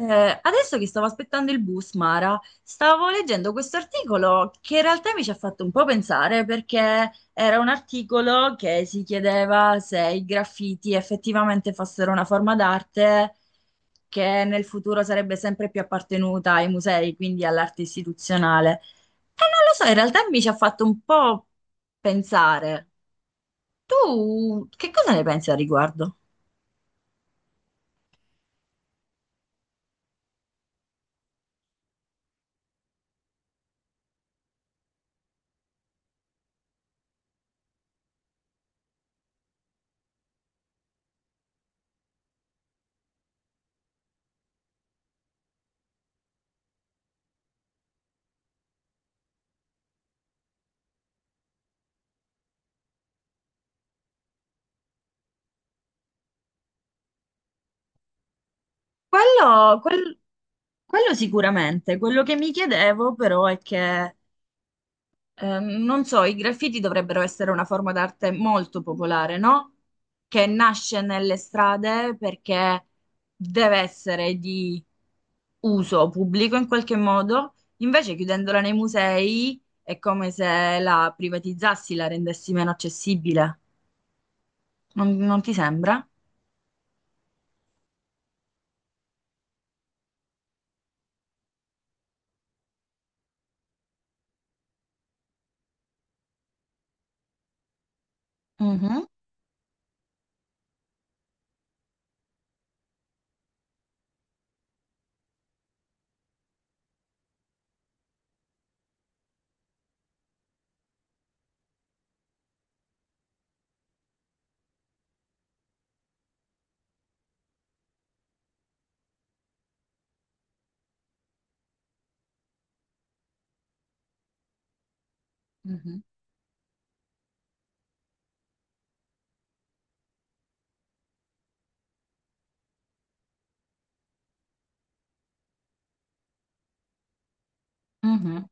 Adesso che stavo aspettando il bus, Mara, stavo leggendo questo articolo che in realtà mi ci ha fatto un po' pensare, perché era un articolo che si chiedeva se i graffiti effettivamente fossero una forma d'arte che nel futuro sarebbe sempre più appartenuta ai musei, quindi all'arte istituzionale. E non lo so, in realtà mi ci ha fatto un po' pensare. Tu che cosa ne pensi al riguardo? Quello, quel- Quello sicuramente, quello che mi chiedevo però è che, non so, i graffiti dovrebbero essere una forma d'arte molto popolare, no? Che nasce nelle strade perché deve essere di uso pubblico in qualche modo, invece chiudendola nei musei è come se la privatizzassi, la rendessi meno accessibile. Non ti sembra? Mhm, mhm, mhm.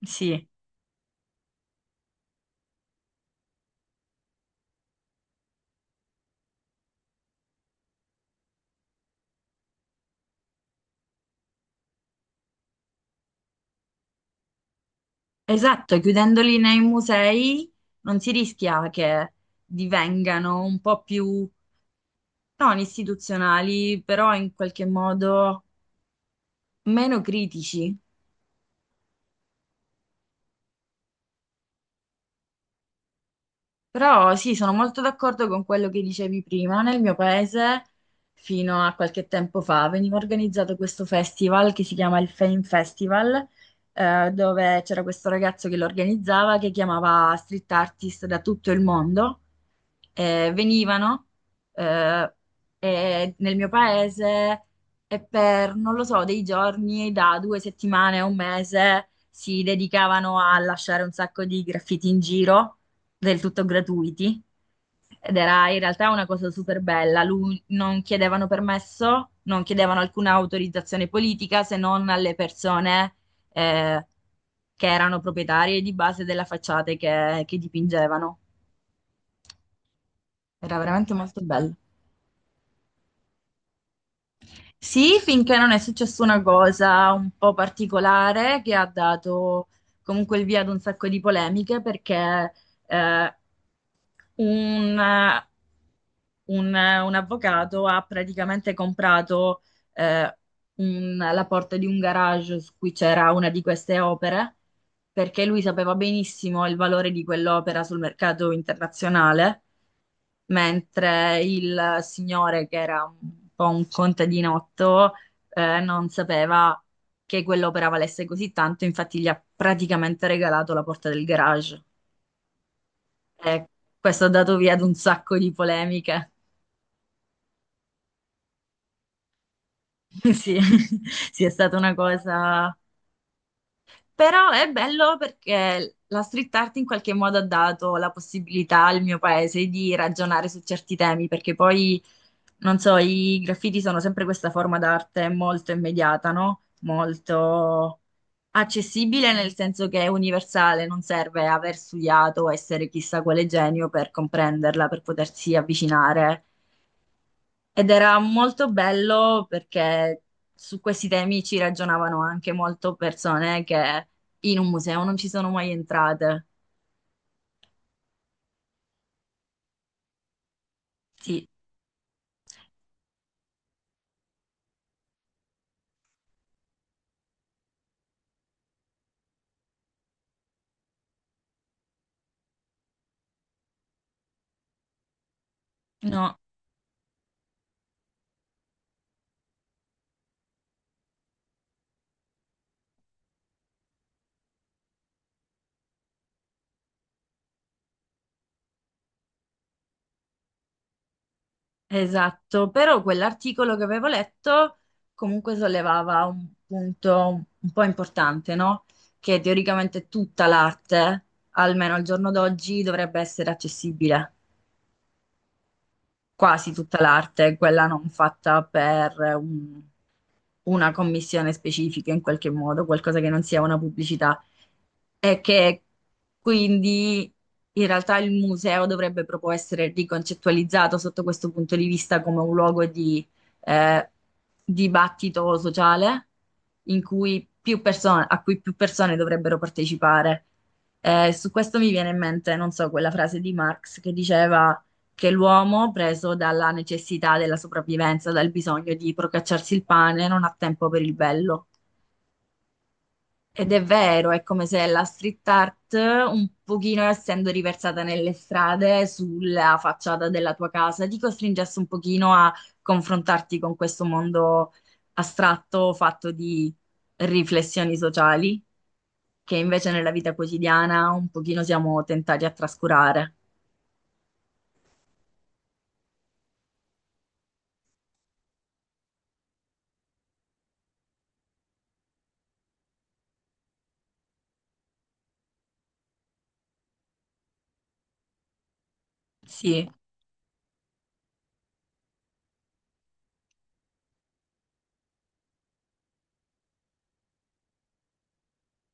Sì. Esatto, chiudendoli nei musei non si rischia che divengano un po' più non istituzionali, però in qualche modo meno critici? Però sì, sono molto d'accordo con quello che dicevi prima. Nel mio paese, fino a qualche tempo fa, veniva organizzato questo festival che si chiama il Fame Festival, dove c'era questo ragazzo che lo organizzava, che chiamava street artist da tutto il mondo. Venivano eh, e Nel mio paese e per, non lo so, dei giorni, da 2 settimane a 1 mese, si dedicavano a lasciare un sacco di graffiti in giro, del tutto gratuiti, ed era in realtà una cosa super bella. Lui non chiedevano permesso, non chiedevano alcuna autorizzazione politica se non alle persone eh, che erano proprietarie di base della facciata che dipingevano. Era veramente molto bello. Sì, finché non è successa una cosa un po' particolare che ha dato comunque il via ad un sacco di polemiche, perché eh, un, eh, un avvocato ha praticamente comprato eh, la porta di un garage su cui c'era una di queste opere, perché lui sapeva benissimo il valore di quell'opera sul mercato internazionale, mentre il signore, che era un po' un contadinotto, non sapeva che quell'opera valesse così tanto, infatti gli ha praticamente regalato la porta del garage. Eh, Questo ha dato via ad un sacco di polemiche. Sì, sì, è stata una cosa. Però è bello perché la street art in qualche modo ha dato la possibilità al mio paese di ragionare su certi temi, perché poi, non so, i graffiti sono sempre questa forma d'arte molto immediata, no? Molto accessibile, nel senso che è universale, non serve aver studiato o essere chissà quale genio per comprenderla, per potersi avvicinare. Ed era molto bello perché su questi temi ci ragionavano anche molto persone che in un museo non ci sono mai entrate. Sì, no, esatto. Però quell'articolo che avevo letto comunque sollevava un punto un po' importante, no? Che teoricamente tutta l'arte, almeno al giorno d'oggi, dovrebbe essere accessibile. Quasi tutta l'arte, quella non fatta per una commissione specifica in qualche modo, qualcosa che non sia una pubblicità, e che quindi in realtà il museo dovrebbe proprio essere riconcettualizzato sotto questo punto di vista come un luogo di eh, dibattito sociale in cui più persone, a cui più persone dovrebbero partecipare. Su questo mi viene in mente, non so, quella frase di Marx che diceva che l'uomo, preso dalla necessità della sopravvivenza, dal bisogno di procacciarsi il pane, non ha tempo per il bello. Ed è vero, è come se la street art, un pochino essendo riversata nelle strade, sulla facciata della tua casa, ti costringesse un pochino a confrontarti con questo mondo astratto, fatto di riflessioni sociali, che invece nella vita quotidiana un pochino siamo tentati a trascurare. Sì,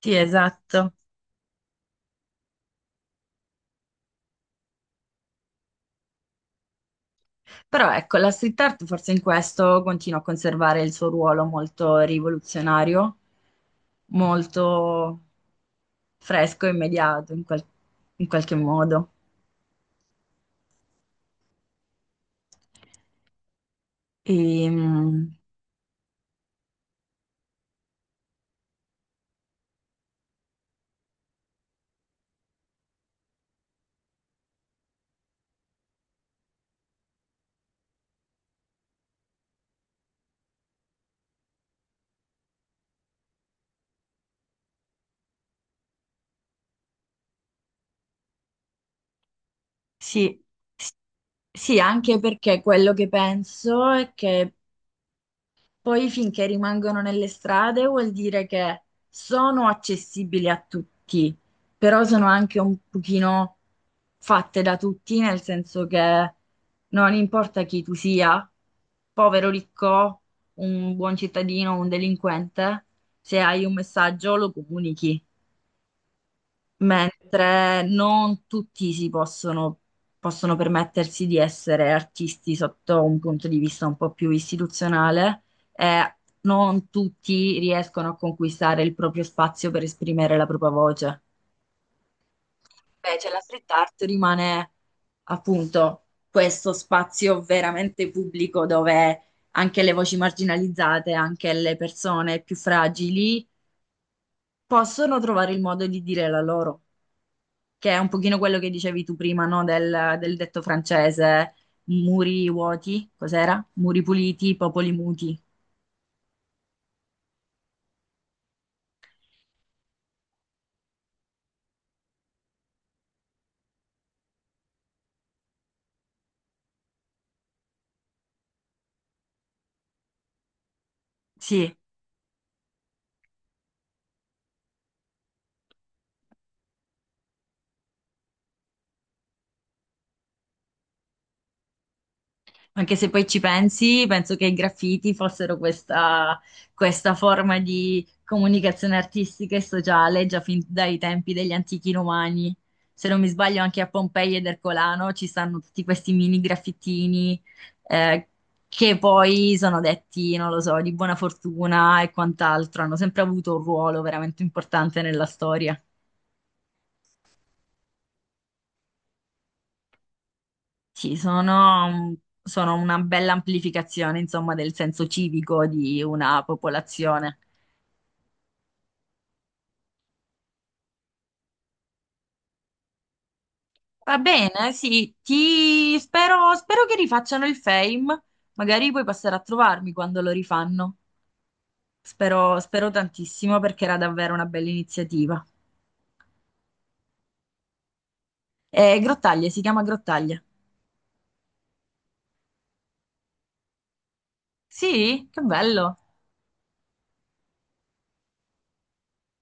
sì, esatto. Però ecco, la street art forse in questo continua a conservare il suo ruolo molto rivoluzionario, molto fresco e immediato in, in qualche modo. E, mm, sì, S- sì, anche perché quello che penso è che poi, finché rimangono nelle strade, vuol dire che sono accessibili a tutti, però sono anche un pochino fatte da tutti, nel senso che non importa chi tu sia, povero, ricco, un buon cittadino, un delinquente, se hai un messaggio lo comunichi, mentre non tutti si possono, possono permettersi di essere artisti sotto un punto di vista un po' più istituzionale, e non tutti riescono a conquistare il proprio spazio per esprimere la propria voce. Invece la street art rimane appunto questo spazio veramente pubblico dove anche le voci marginalizzate, anche le persone più fragili possono trovare il modo di dire la loro, che è un pochino quello che dicevi tu prima, no? Del detto francese, muri vuoti, cos'era? Muri puliti, popoli muti. Sì. Anche se poi ci pensi, penso che i graffiti fossero questa, questa forma di comunicazione artistica e sociale già fin dai tempi degli antichi romani. Se non mi sbaglio, anche a Pompei ed Ercolano ci stanno tutti questi mini graffittini eh, che poi sono detti, non lo so, di buona fortuna e quant'altro. Hanno sempre avuto un ruolo veramente importante nella storia. Sì, sono, sono una bella amplificazione, insomma, del senso civico di una popolazione. Va bene, sì, ti spero, spero che rifacciano il Fame, magari puoi passare a trovarmi quando lo rifanno. Spero, spero tantissimo perché era davvero una bella iniziativa. Grottaglie, si chiama Grottaglie. Sì, che bello.